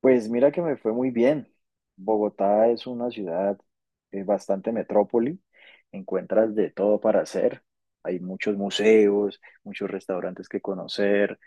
Pues mira que me fue muy bien. Bogotá es una ciudad bastante metrópoli. Encuentras de todo para hacer. Hay muchos museos, muchos restaurantes que conocer.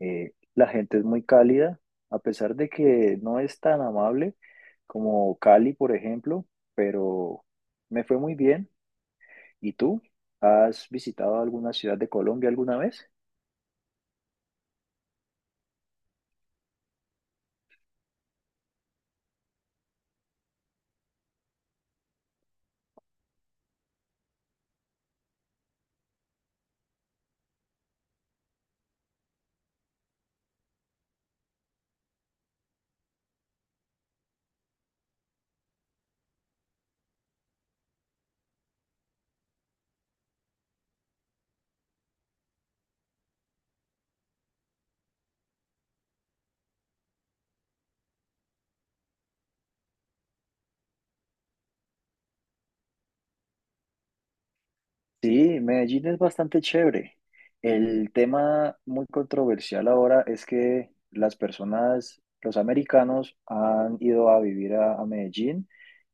La gente es muy cálida, a pesar de que no es tan amable como Cali, por ejemplo, pero me fue muy bien. ¿Y tú? ¿Has visitado alguna ciudad de Colombia alguna vez? Sí, Medellín es bastante chévere. El tema muy controversial ahora es que las personas, los americanos, han ido a vivir a Medellín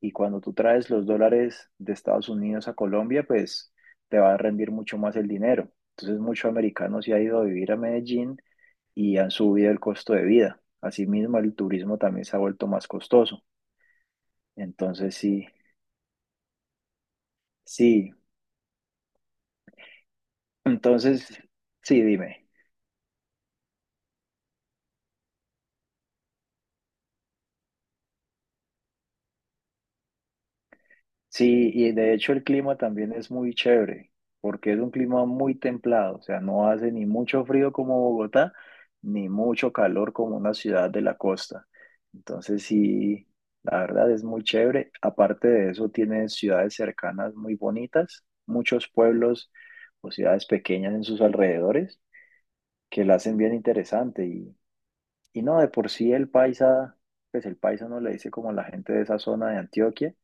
y cuando tú traes los dólares de Estados Unidos a Colombia, pues te va a rendir mucho más el dinero. Entonces, muchos americanos se han ido a vivir a Medellín y han subido el costo de vida. Asimismo, el turismo también se ha vuelto más costoso. Entonces, sí, sí. Entonces, sí, dime. Sí, y de hecho el clima también es muy chévere, porque es un clima muy templado, o sea, no hace ni mucho frío como Bogotá, ni mucho calor como una ciudad de la costa. Entonces sí, la verdad es muy chévere. Aparte de eso, tiene ciudades cercanas muy bonitas, muchos pueblos o ciudades pequeñas en sus alrededores que la hacen bien interesante. Y no, de por sí el paisa, pues el paisa no le dice como la gente de esa zona de Antioquia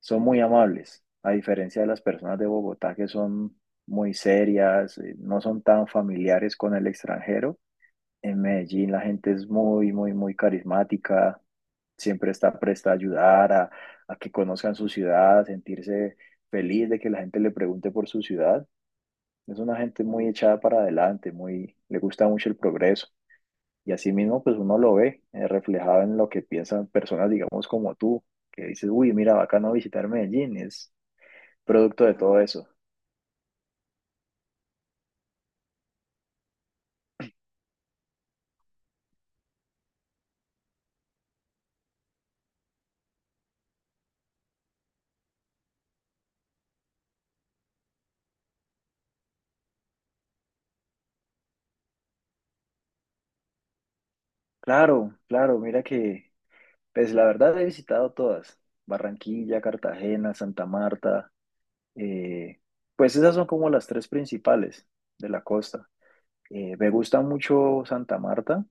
son muy amables, a diferencia de las personas de Bogotá que son muy serias, no son tan familiares con el extranjero. En Medellín la gente es muy, muy, muy carismática, siempre está presta a ayudar, a que conozcan su ciudad, a sentirse feliz de que la gente le pregunte por su ciudad. Es una gente muy echada para adelante, muy, le gusta mucho el progreso. Y así mismo, pues uno lo ve reflejado en lo que piensan personas, digamos, como tú, que dices, uy, mira, bacano visitar Medellín, es, producto de todo eso. Claro, claro, mira que, pues la verdad he visitado todas, Barranquilla, Cartagena, Santa Marta, eh, pues esas son como las tres principales de la costa. Me gusta mucho Santa Marta,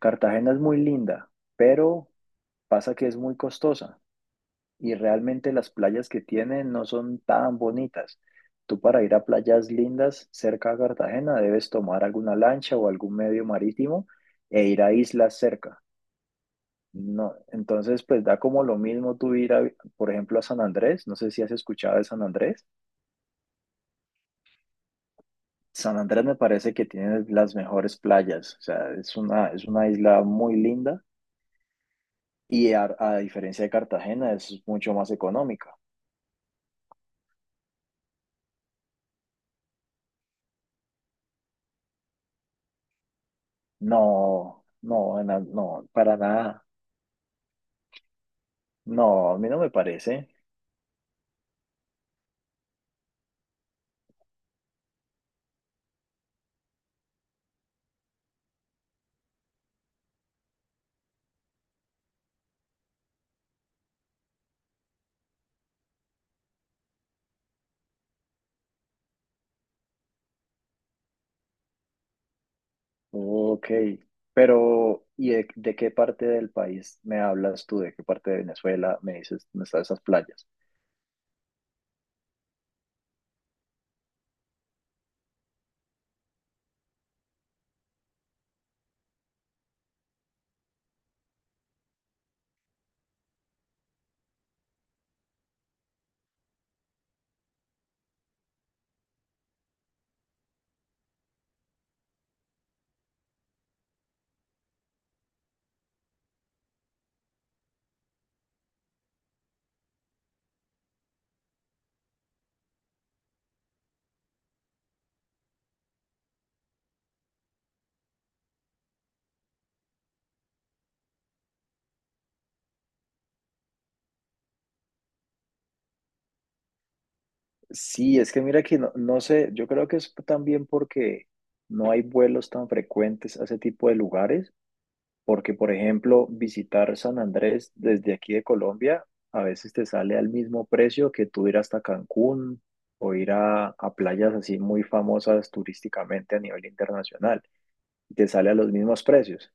Cartagena es muy linda, pero pasa que es muy costosa y realmente las playas que tiene no son tan bonitas. Tú para ir a playas lindas cerca a Cartagena debes tomar alguna lancha o algún medio marítimo e ir a islas cerca. No, entonces pues da como lo mismo tú ir a, por ejemplo, a San Andrés, no sé si has escuchado de San Andrés. San Andrés me parece que tiene las mejores playas, o sea, es una isla muy linda y a diferencia de Cartagena es mucho más económica. No, para nada. No, a mí no me parece. Ok, pero ¿y de qué parte del país me hablas tú? ¿De qué parte de Venezuela me dices, dónde están esas playas? Sí, es que mira que no, no sé, yo creo que es también porque no hay vuelos tan frecuentes a ese tipo de lugares, porque por ejemplo, visitar San Andrés desde aquí de Colombia a veces te sale al mismo precio que tú ir hasta Cancún o ir a playas así muy famosas turísticamente a nivel internacional, y te sale a los mismos precios.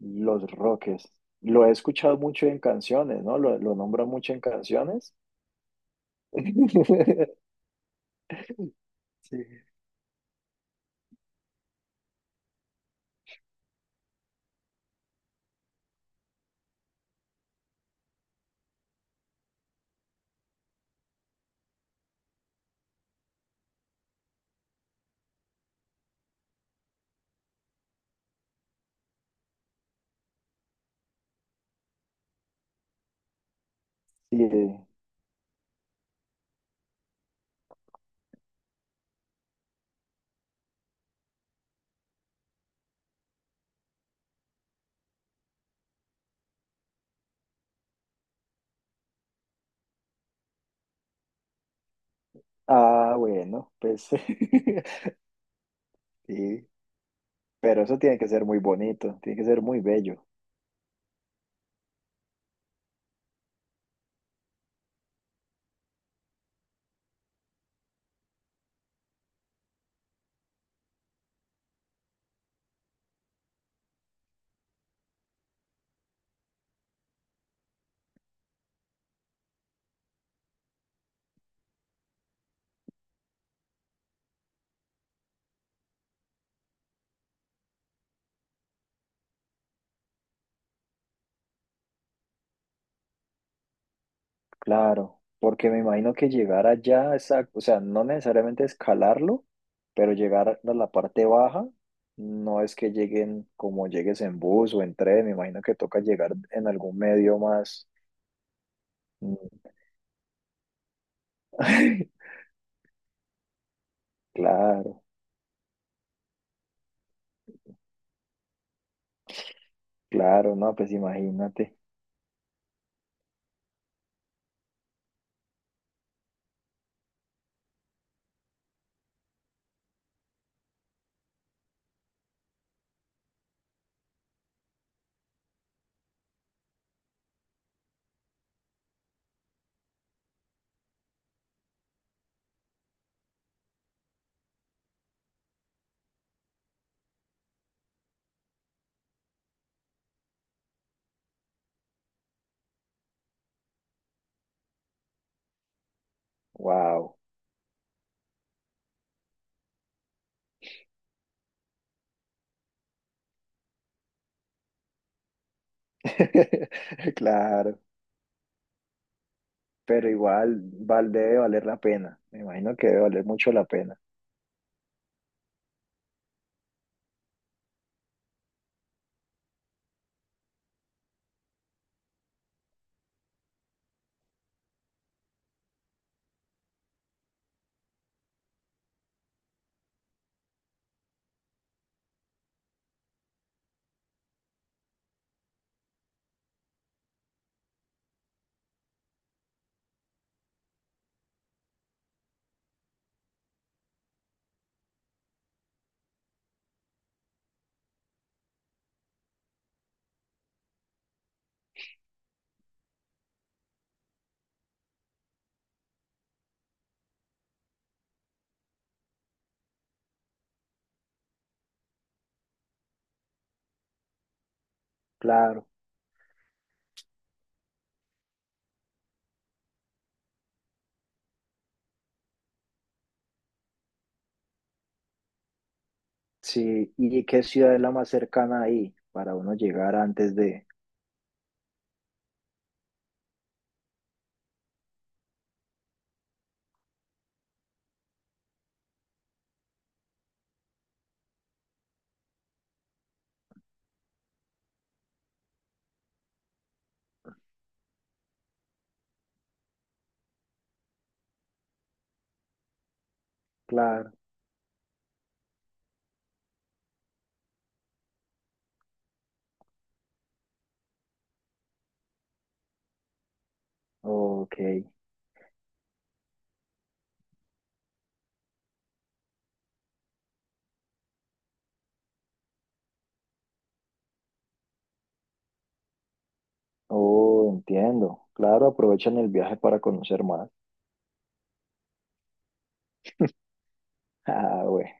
Los Roques, lo he escuchado mucho en canciones, ¿no? Lo nombran mucho en canciones. Sí. Sí, ah, bueno, pues sí, pero eso tiene que ser muy bonito, tiene que ser muy bello, claro, porque me imagino que llegar allá, esa- o sea, no necesariamente escalarlo, pero llegar a la parte baja, no es que lleguen como llegues en bus o en tren, me imagino que toca llegar en algún medio más. Mm. Claro, claro, no, pues imagínate, wow. Claro, pero igual val, debe valer la pena. Me imagino que debe valer mucho la pena. Claro, sí. ¿Y qué ciudad es la más cercana ahí para uno llegar antes de? Claro, ok. Oh, entiendo. Claro, aprovechan el viaje para conocer más. Ah, bueno,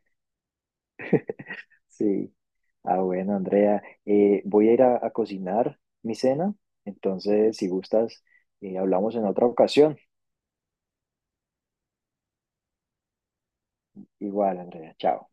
sí. Ah, bueno, Andrea, voy a ir a cocinar mi cena. Entonces, si gustas, hablamos en otra ocasión. Igual, Andrea, chao.